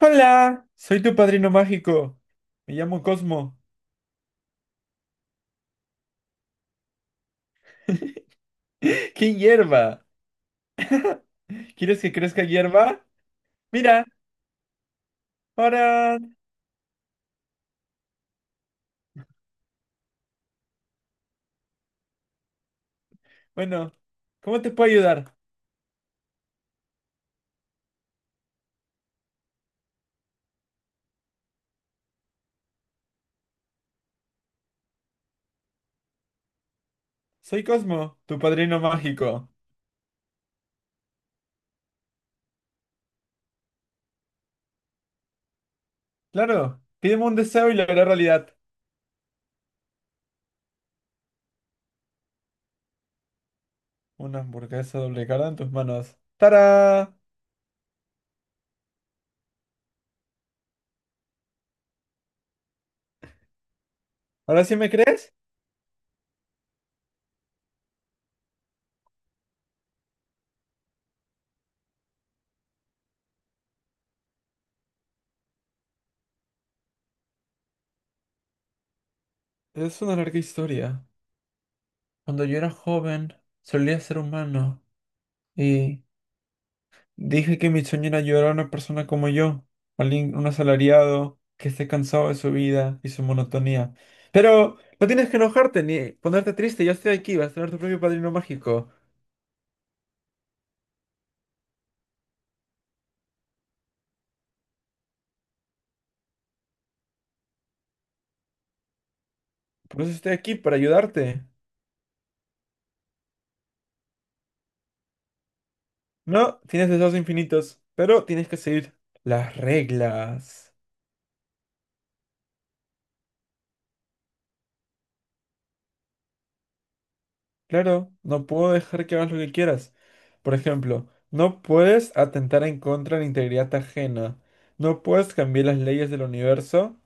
Hola, soy tu padrino mágico. Me llamo Cosmo. ¿Qué hierba? ¿Quieres que crezca hierba? Mira, ahora... Bueno, ¿cómo te puedo ayudar? Soy Cosmo, tu padrino mágico. Claro, pídeme un deseo y lo haré realidad. Una hamburguesa doble cara en tus manos. ¡Tarán! ¿Ahora sí me crees? Es una larga historia. Cuando yo era joven, solía ser humano y dije que mi sueño era ayudar a una persona como yo, alguien, un asalariado que esté cansado de su vida y su monotonía. Pero no tienes que enojarte ni ponerte triste, yo estoy aquí, vas a tener tu propio padrino mágico. Por eso estoy aquí, para ayudarte. No, tienes deseos infinitos, pero tienes que seguir las reglas. Claro, no puedo dejar que hagas lo que quieras. Por ejemplo, no puedes atentar en contra de la integridad ajena. No puedes cambiar las leyes del universo.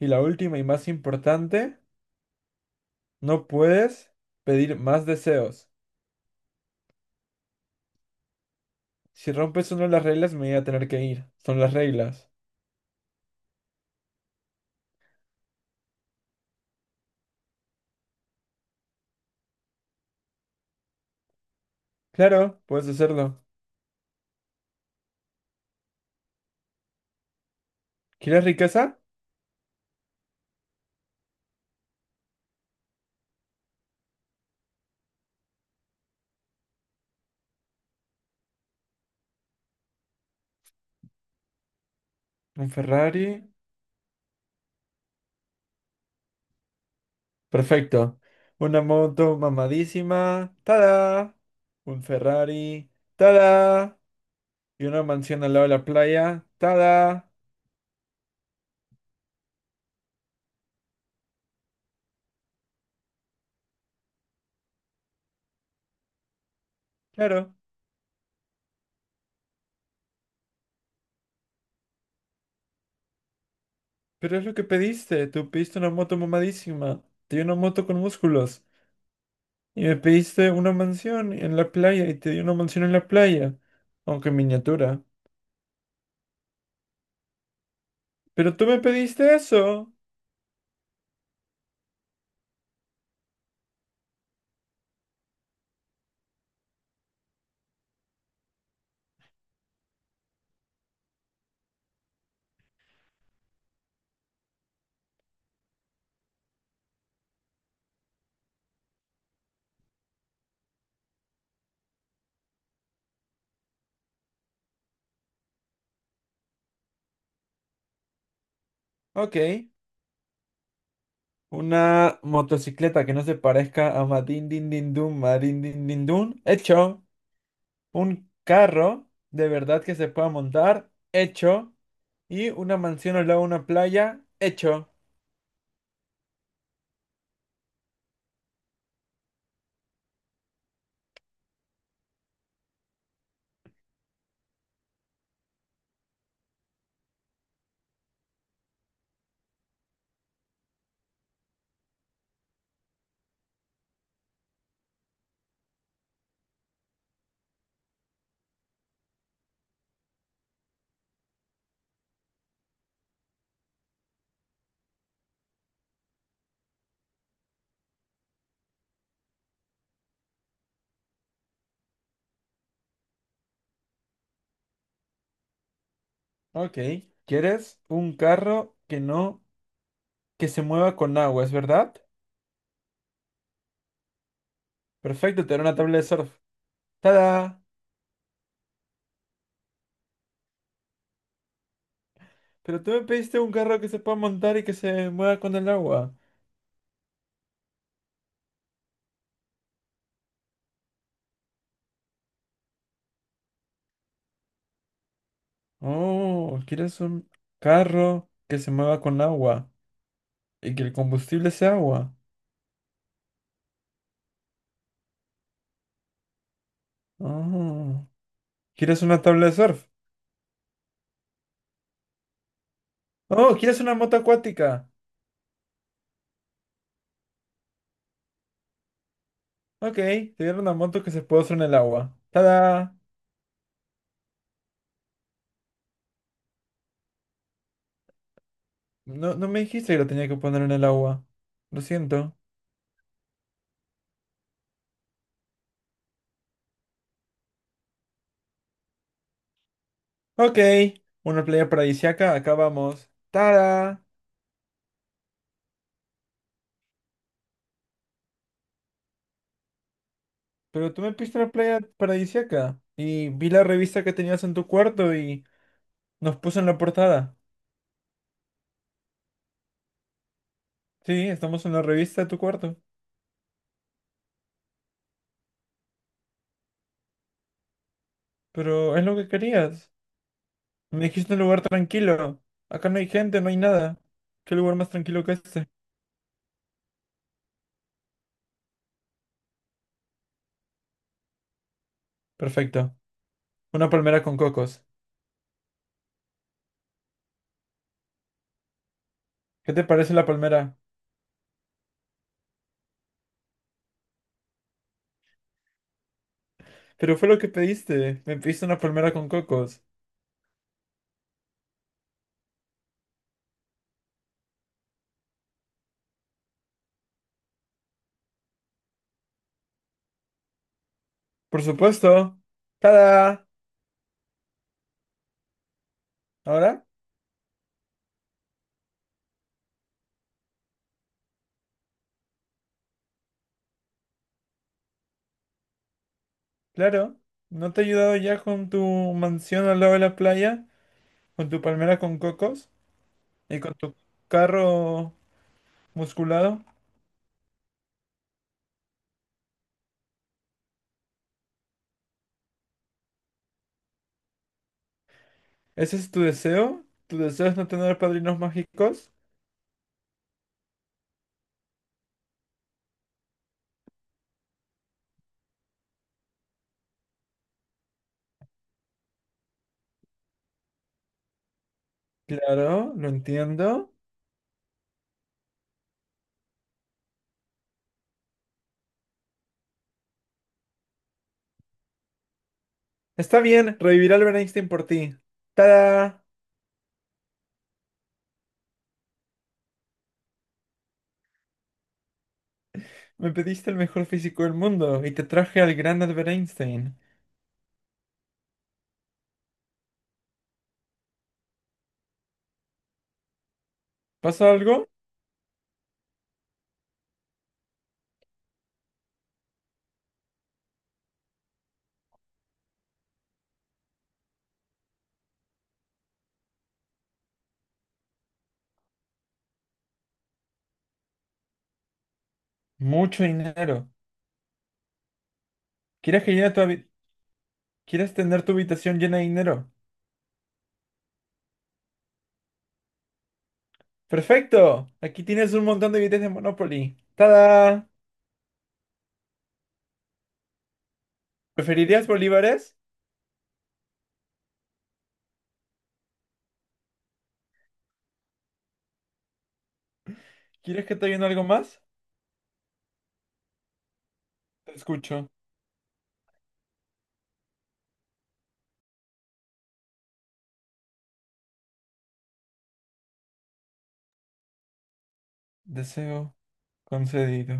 Y la última y más importante, no puedes pedir más deseos. Si rompes una de las reglas, me voy a tener que ir. Son las reglas. Claro, puedes hacerlo. ¿Quieres riqueza? Un Ferrari. Perfecto. Una moto mamadísima. ¡Tada! Un Ferrari. ¡Tada! Y una mansión al lado de la playa. ¡Tada! Claro, pero es lo que pediste. Tú pediste una moto mamadísima. Te di una moto con músculos. Y me pediste una mansión en la playa y te di una mansión en la playa, aunque en miniatura. Pero tú me pediste eso. Ok. Una motocicleta que no se parezca a Madin Din Din Dun, Madin Din Din Dun. Hecho. Un carro de verdad que se pueda montar. Hecho. Y una mansión al lado de una playa. Hecho. Ok. ¿Quieres un carro que no, que se mueva con agua, es verdad? Perfecto, te daré una tabla de surf. ¡Tada! Pero tú me pediste un carro que se pueda montar y que se mueva con el agua. Oh, quieres un carro que se mueva con agua y que el combustible sea agua. Oh, ¿quieres una tabla de surf? Oh, ¿quieres una moto acuática? Ok, te dieron una moto que se puede usar en el agua. ¡Tada! No, no me dijiste que lo tenía que poner en el agua. Lo siento. Ok, una playa paradisíaca. Acá vamos. ¡Tada! Pero tú me pediste una playa paradisíaca y vi la revista que tenías en tu cuarto y... Nos puso en la portada. Sí, estamos en la revista de tu cuarto. Pero es lo que querías. Me dijiste un lugar tranquilo. Acá no hay gente, no hay nada. ¿Qué lugar más tranquilo que este? Perfecto. Una palmera con cocos. ¿Qué te parece la palmera? Pero fue lo que pediste. Me pediste una palmera con cocos. Por supuesto. ¡Tada! ¿Ahora? Claro. ¿No te he ayudado ya con tu mansión al lado de la playa? ¿Con tu palmera con cocos? ¿Y con tu carro musculado? ¿Ese es tu deseo? ¿Tu deseo es no tener padrinos mágicos? Claro, lo entiendo. Está bien, revivirá Albert Einstein por ti. ¡Tada! Me pediste el mejor físico del mundo y te traje al gran Albert Einstein. ¿Pasa algo? Mucho dinero. ¿Quieres que llene tu habi- ¿Quieres tener tu habitación llena de dinero? ¡Perfecto! Aquí tienes un montón de billetes de Monopoly. ¡Tada! ¿Preferirías bolívares? ¿Quieres que te ayude en algo más? Te escucho. Deseo concedido.